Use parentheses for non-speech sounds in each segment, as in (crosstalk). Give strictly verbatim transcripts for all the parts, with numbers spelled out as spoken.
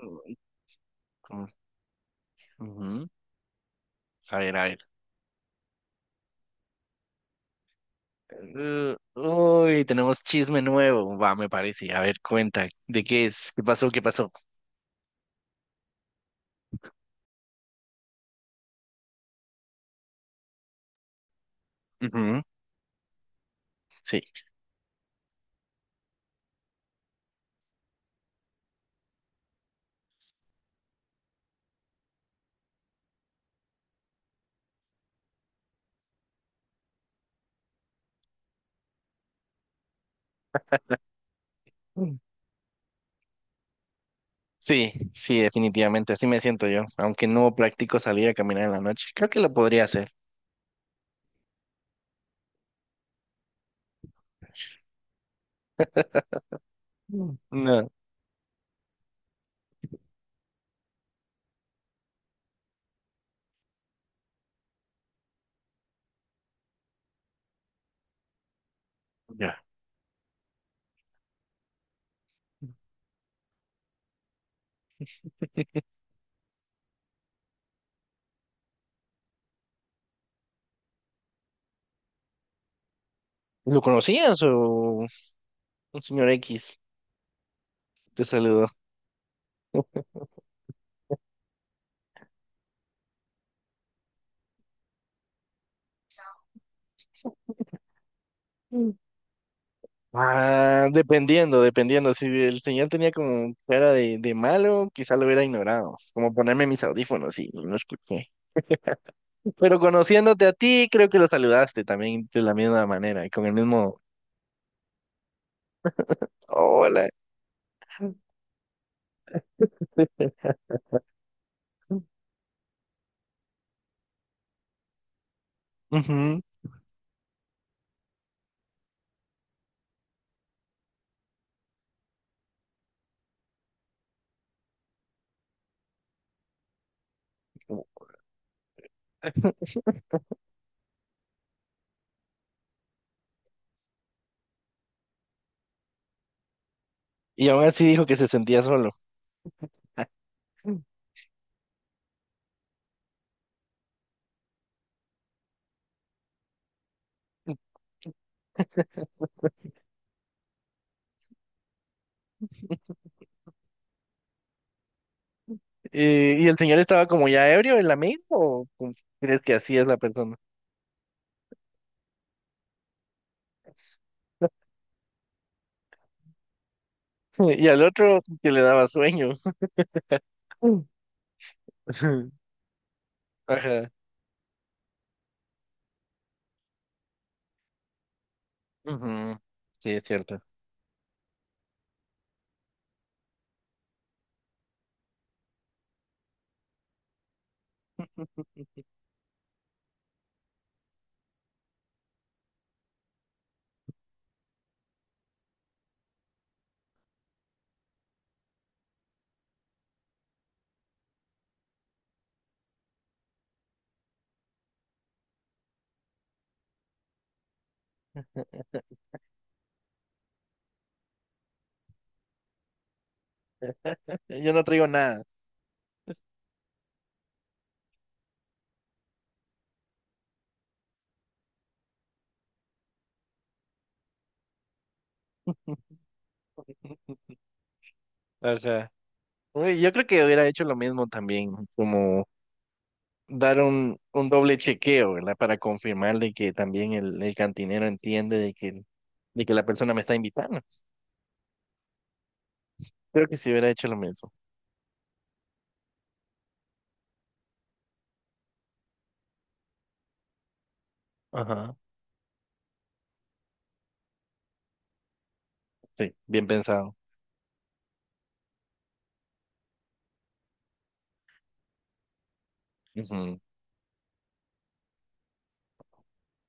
Uy, ¿cómo es? Ujú. A ver, a ver. Uh, uy, tenemos chisme nuevo. Va, me parece. A ver, cuenta. ¿De qué es? ¿Qué pasó? ¿Qué pasó? Ujú. Sí. Mm. Sí, sí, definitivamente. Así me siento yo. Aunque no practico salir a caminar en la noche. Creo que lo podría hacer. Mm. No. Ya. ¿Lo conocías o un señor X te saludó? Mm. Ah, dependiendo, dependiendo. Si el señor tenía como cara de, de malo, quizá lo hubiera ignorado. Como ponerme mis audífonos y no escuché. Pero conociéndote a ti, creo que lo saludaste también de la misma manera y con el mismo hola. (laughs) Ujú. Y aún así dijo que se sentía solo. Eh, ¿Y el señor estaba como ya ebrio, el amigo? ¿O cómo crees que así es la persona? (laughs) Y al otro que le daba sueño. (laughs) Ajá. Ujú. Sí, es cierto. Yo no traigo nada. Ajá. Uy, yo creo que hubiera hecho lo mismo también, como dar un, un doble chequeo, ¿verdad? Para confirmar de que también el, el cantinero entiende de que, de que la persona me está invitando. Creo que si hubiera hecho lo mismo. Ajá. Sí, bien pensado. Ujú.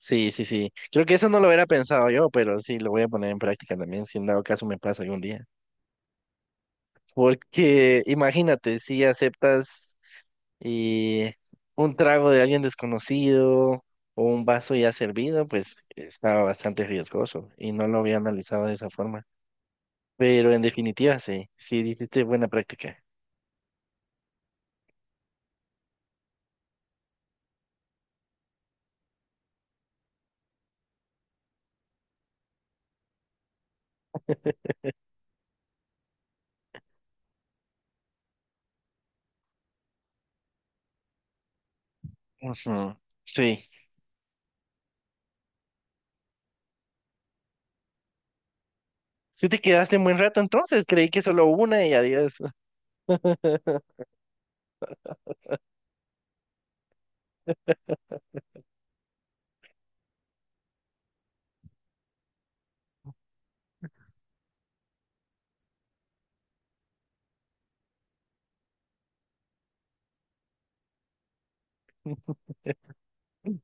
Sí, sí, sí. Creo que eso no lo hubiera pensado yo, pero sí lo voy a poner en práctica también, si en dado caso me pasa algún día. Porque imagínate, si aceptas eh, un trago de alguien desconocido o un vaso ya servido, pues estaba bastante riesgoso y no lo había analizado de esa forma. Pero en definitiva, sí, sí, hiciste buena práctica. Ujú. Sí. Sí te quedaste un buen rato entonces, creí que solo una y adiós. (laughs)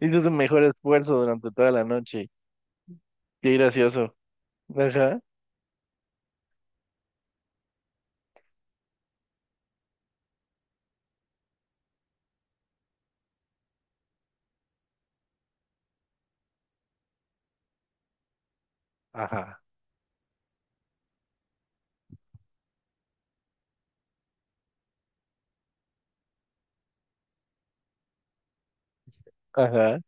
Hizo su mejor esfuerzo durante toda la noche. Qué gracioso. Ajá. Ajá. Ajá.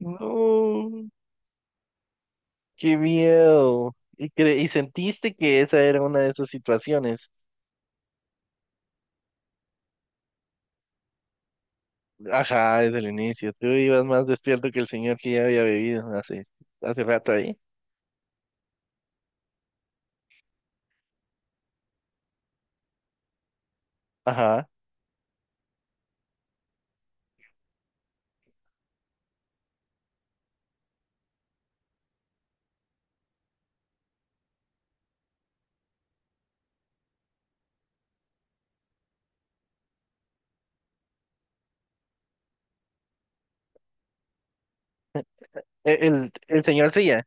No, qué miedo. Y, cre- y sentiste que esa era una de esas situaciones. Ajá, desde el inicio. Tú ibas más despierto que el señor que ya había bebido hace, hace rato ahí. Ajá. E- El, el señor sí ya.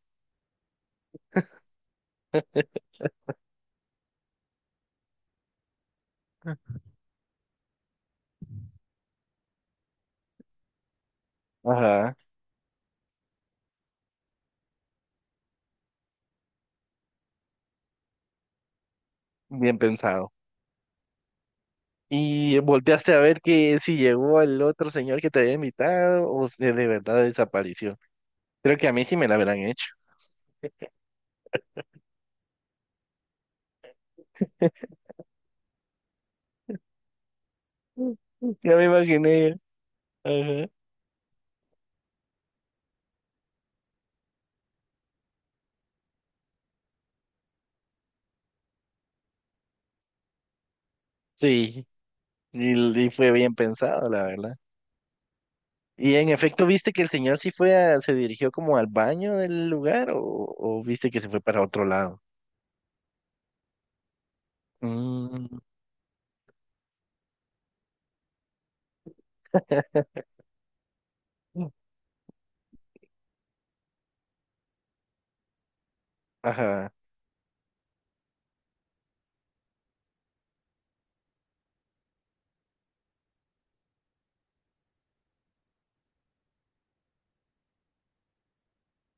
Ajá. Bien pensado. ¿Y volteaste a ver que si llegó el otro señor que te había invitado o de, de verdad desapareció? Creo que a mí sí me la habrán hecho. (laughs) Ya me imaginé. Ajá. Sí, y, y fue bien pensado, la verdad. Y en efecto, ¿viste que el señor sí fue a- se dirigió como al baño del lugar o, o viste que se fue para otro lado? Mm, (laughs) ajá.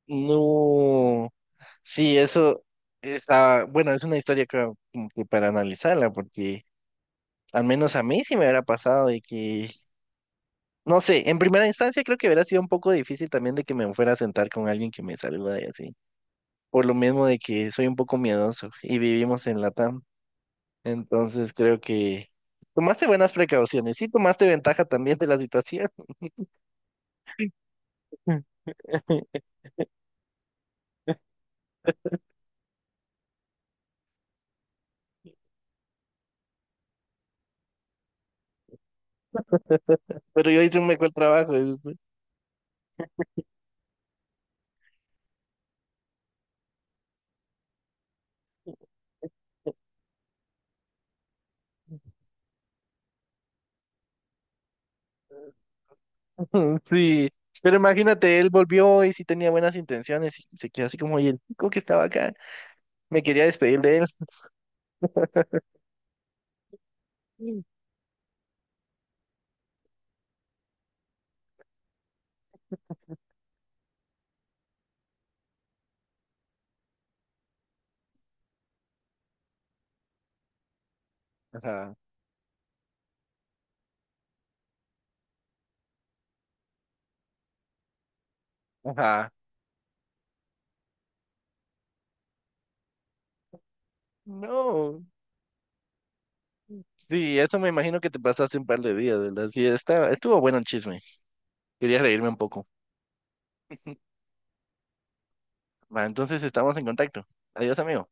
No. Sí, eso está, bueno, es una historia que, como que para analizarla, porque al menos a mí sí me hubiera pasado de que, no sé, en primera instancia creo que hubiera sido un poco difícil también de que me fuera a sentar con alguien que me saluda y así, por lo mismo de que soy un poco miedoso y vivimos en Latam, entonces creo que tomaste buenas precauciones, sí tomaste ventaja también de la situación. (laughs) Pero yo hice un mejor trabajo. Dices. (laughs) Mm. Sí, pero imagínate, él volvió y sí tenía buenas intenciones y se quedó así como, y el chico que estaba acá, me quería despedir de él. Mm. Ajá, ajá. No, sí, eso me imagino que te pasaste un par de días, ¿verdad? Sí, está, estuvo bueno el chisme. Quería reírme un poco. (laughs) Va, entonces estamos en contacto. Adiós, amigo.